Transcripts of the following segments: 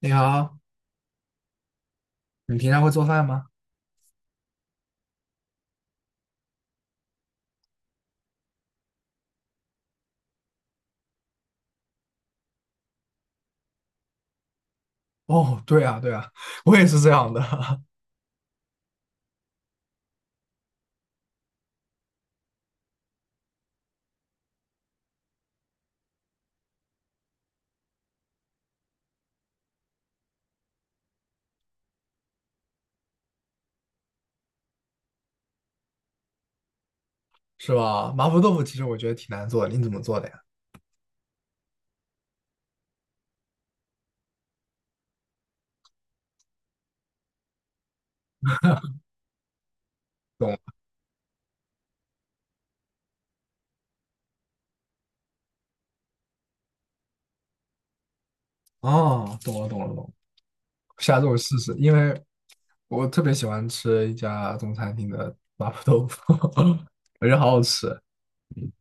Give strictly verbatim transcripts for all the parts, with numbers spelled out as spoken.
你好，你平常会做饭吗？哦，对啊，对啊，我也是这样的，是吧？麻婆豆腐其实我觉得挺难做的，你怎么做的呀？懂了哦，懂了，懂了，懂了。下次我试试，因为我特别喜欢吃一家中餐厅的麻婆豆腐，我觉得好好吃。嗯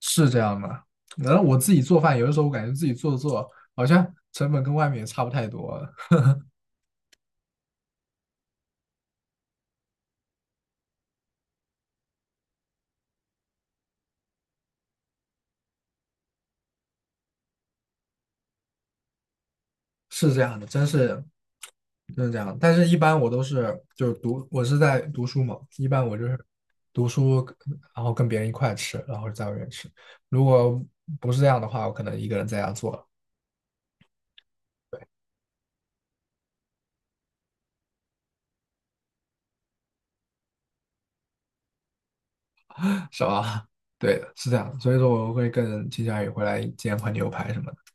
是这样吗？然后我自己做饭，有的时候我感觉自己做做好像成本跟外面也差不太多，是这样的，真是就是这样。但是，一般我都是就是读，我是在读书嘛，一般我就是读书，然后跟别人一块吃，然后在外面吃。如果不是这样的话，我可能一个人在家做对，是吧？对的，是这样的，所以说，我会更倾向于回来煎块牛排什么的。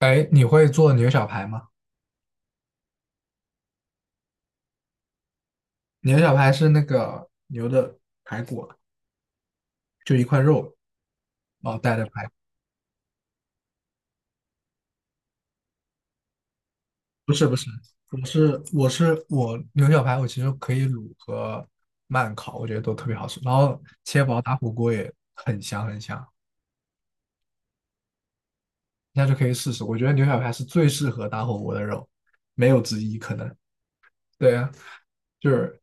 哎，你会做牛小排吗？牛小排是那个牛的排骨，就一块肉，然后带着排。不是不是，我是我是我牛小排，我其实可以卤和慢烤，我觉得都特别好吃。然后切薄打火锅也很香很香，大家就可以试试。我觉得牛小排是最适合打火锅的肉，没有之一可能。对啊，就是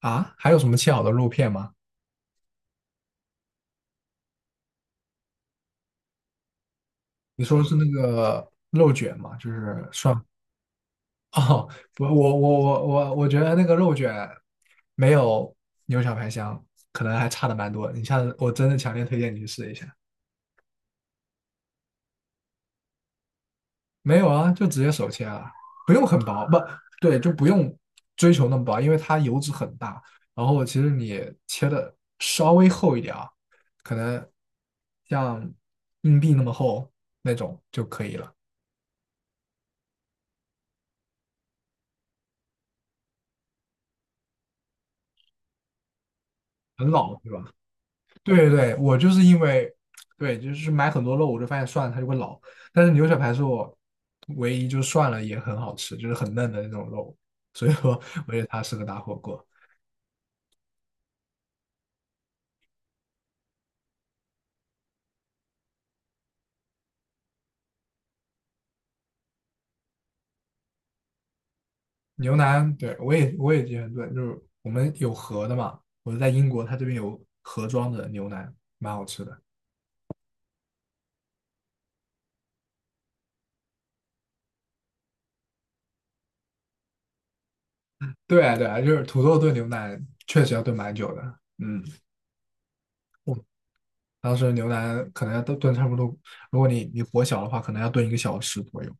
啊，还有什么切好的肉片吗？你说的是那个肉卷吗？就是算哦，不，我我我我我觉得那个肉卷没有牛小排香，可能还差的蛮多。你下次我真的强烈推荐你去试一下。没有啊，就直接手切啊，不用很薄，不对，就不用追求那么薄，因为它油脂很大。然后其实你切的稍微厚一点啊，可能像硬币那么厚那种就可以了，很老，对吧？对对对，我就是因为对，就是买很多肉，我就发现涮了它就会老，但是牛小排是我唯一就涮了也很好吃，就是很嫩的那种肉，所以说我觉得它适合打火锅。牛腩，对，我也我也经常炖，就是我们有盒的嘛，我在英国，它这边有盒装的牛腩，蛮好吃的。对啊，对啊，就是土豆炖牛腩确实要炖蛮久的，嗯，我当时牛腩可能要炖炖差不多，如果你你火小的话，可能要炖一个小时左右，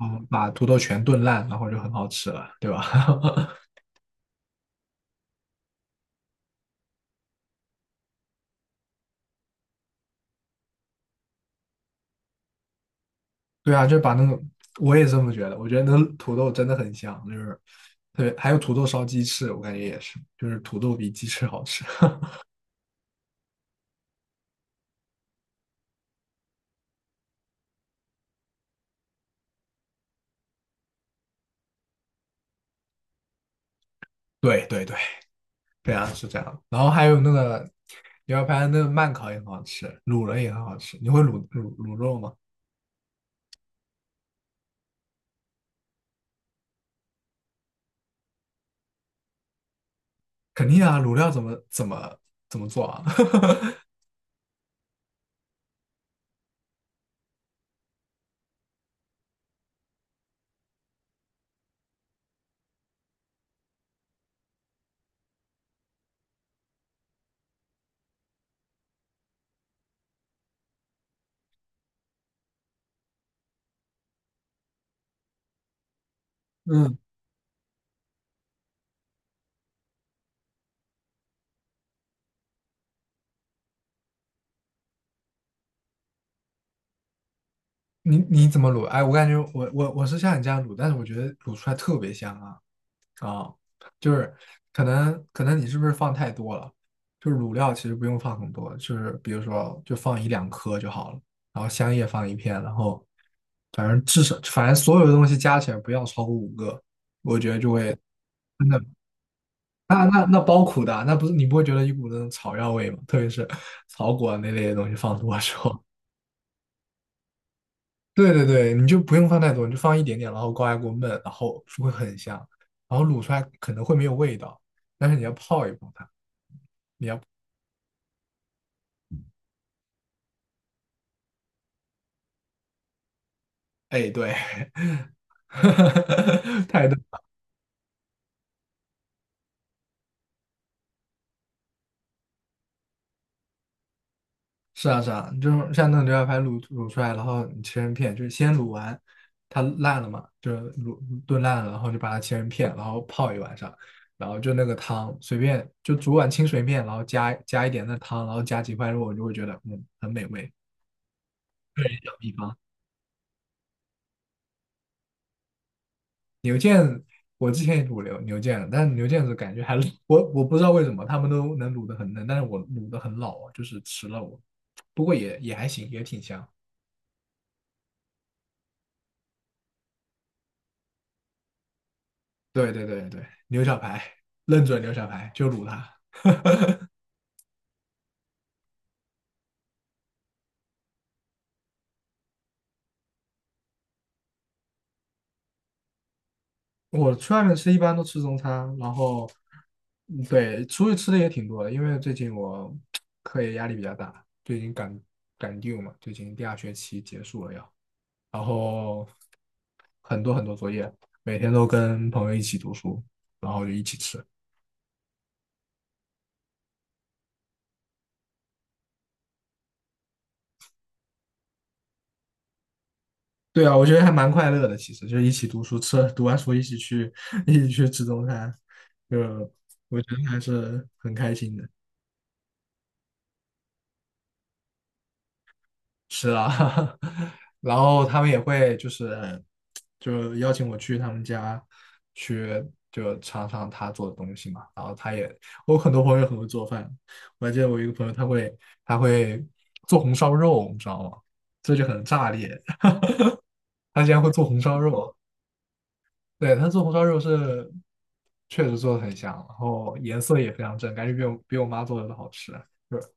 嗯，把土豆全炖烂，然后就很好吃了，对吧？对啊，就把那个，我也这么觉得，我觉得那土豆真的很香，就是特别，还有土豆烧鸡翅，我感觉也是，就是土豆比鸡翅好吃。对对对，对啊，是这样。然后还有那个牛排的那个慢烤也很好吃，卤了也很好吃。你会卤卤卤肉吗？肯定啊，卤料怎么怎么怎么做啊？嗯，你你怎么卤？哎，我感觉我我我是像你这样卤，但是我觉得卤出来特别香啊。啊，就是可能可能你是不是放太多了？就是卤料其实不用放很多，就是比如说就放一两颗就好了，然后香叶放一片，然后反正至少反正所有的东西加起来不要超过五个，我觉得就会真的那那那包苦的啊，那不是你不会觉得一股那种草药味吗？特别是 草果那类的东西放多的时候，对对对，你就不用放太多，你就放一点点，然后高压锅焖，然后就会很香，然后卤出来可能会没有味道，但是你要泡一泡它。哎，对，太对，是啊是啊，就是像那种牛小排卤卤出来，然后你切成片，就是先卤完，它烂了嘛，就是卤炖烂了，然后就把它切成片，然后泡一晚上，然后就那个汤随便就煮碗清水面，然后加加一点那汤，然后加几块肉，你就会觉得嗯很美味。牛腱，我之前也卤牛牛腱了，但是牛腱子感觉还是我我不知道为什么他们都能卤的很嫩，但是我卤的很老啊，就是吃了我，不过也也还行，也挺香。对对对对，牛小排，认准牛小排就卤它。我去外面吃一般都吃中餐，然后嗯对出去吃的也挺多的，因为最近我课业压力比较大，最近赶赶 due 嘛，最近第二学期结束了要，然后很多很多作业，每天都跟朋友一起读书，然后就一起吃。对啊，我觉得还蛮快乐的，其实就一起读书吃，读完书一起去 一起去吃中餐，就我觉得还是很开心的。是啊，然后他们也会就是就邀请我去他们家去就尝尝他做的东西嘛。然后他也，我很多朋友很会做饭，我还记得我一个朋友他会他会做红烧肉，你知道吗？这就很炸裂。他竟然会做红烧肉，对，他做红烧肉是确实做的很香，然后颜色也非常正，感觉比我比我妈做的都好吃啊，就是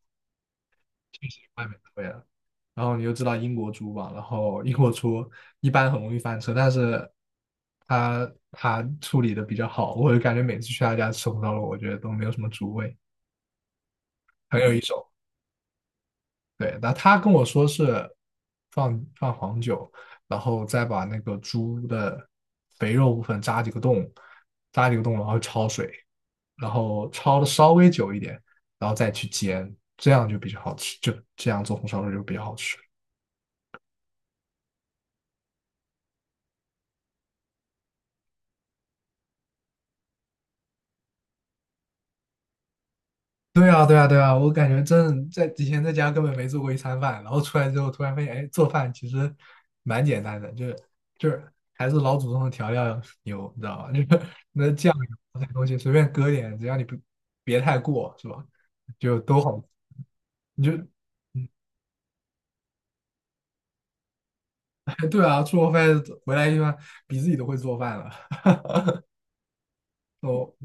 确实外面的味道。然后你就知道英国猪吧，然后英国猪一般很容易翻车，但是他他处理的比较好，我就感觉每次去他家吃红烧肉，我觉得都没有什么猪味，很有一手。对，那他跟我说是放放黄酒，然后再把那个猪的肥肉部分扎几个洞，扎几个洞，然后焯水，然后焯的稍微久一点，然后再去煎，这样就比较好吃，就这样做红烧肉就比较好吃。对啊，对啊，对啊，我感觉真在以前在家根本没做过一餐饭，然后出来之后突然发现，哎，做饭其实蛮简单的，就是就是还是老祖宗的调料牛，你知道吧？就是那酱油那东西随便搁点，只要你不别太过，是吧？就都好，你就 对啊，出国发现回来一般比自己都会做饭了。我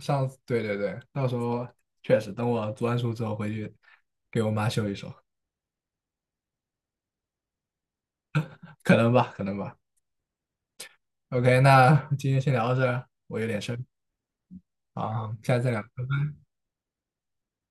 上次对对对，到时候确实等我读完书之后回去给我妈秀一手，可能吧，可能吧。OK，那今天先聊到这儿，我有点事儿，好，下次再聊，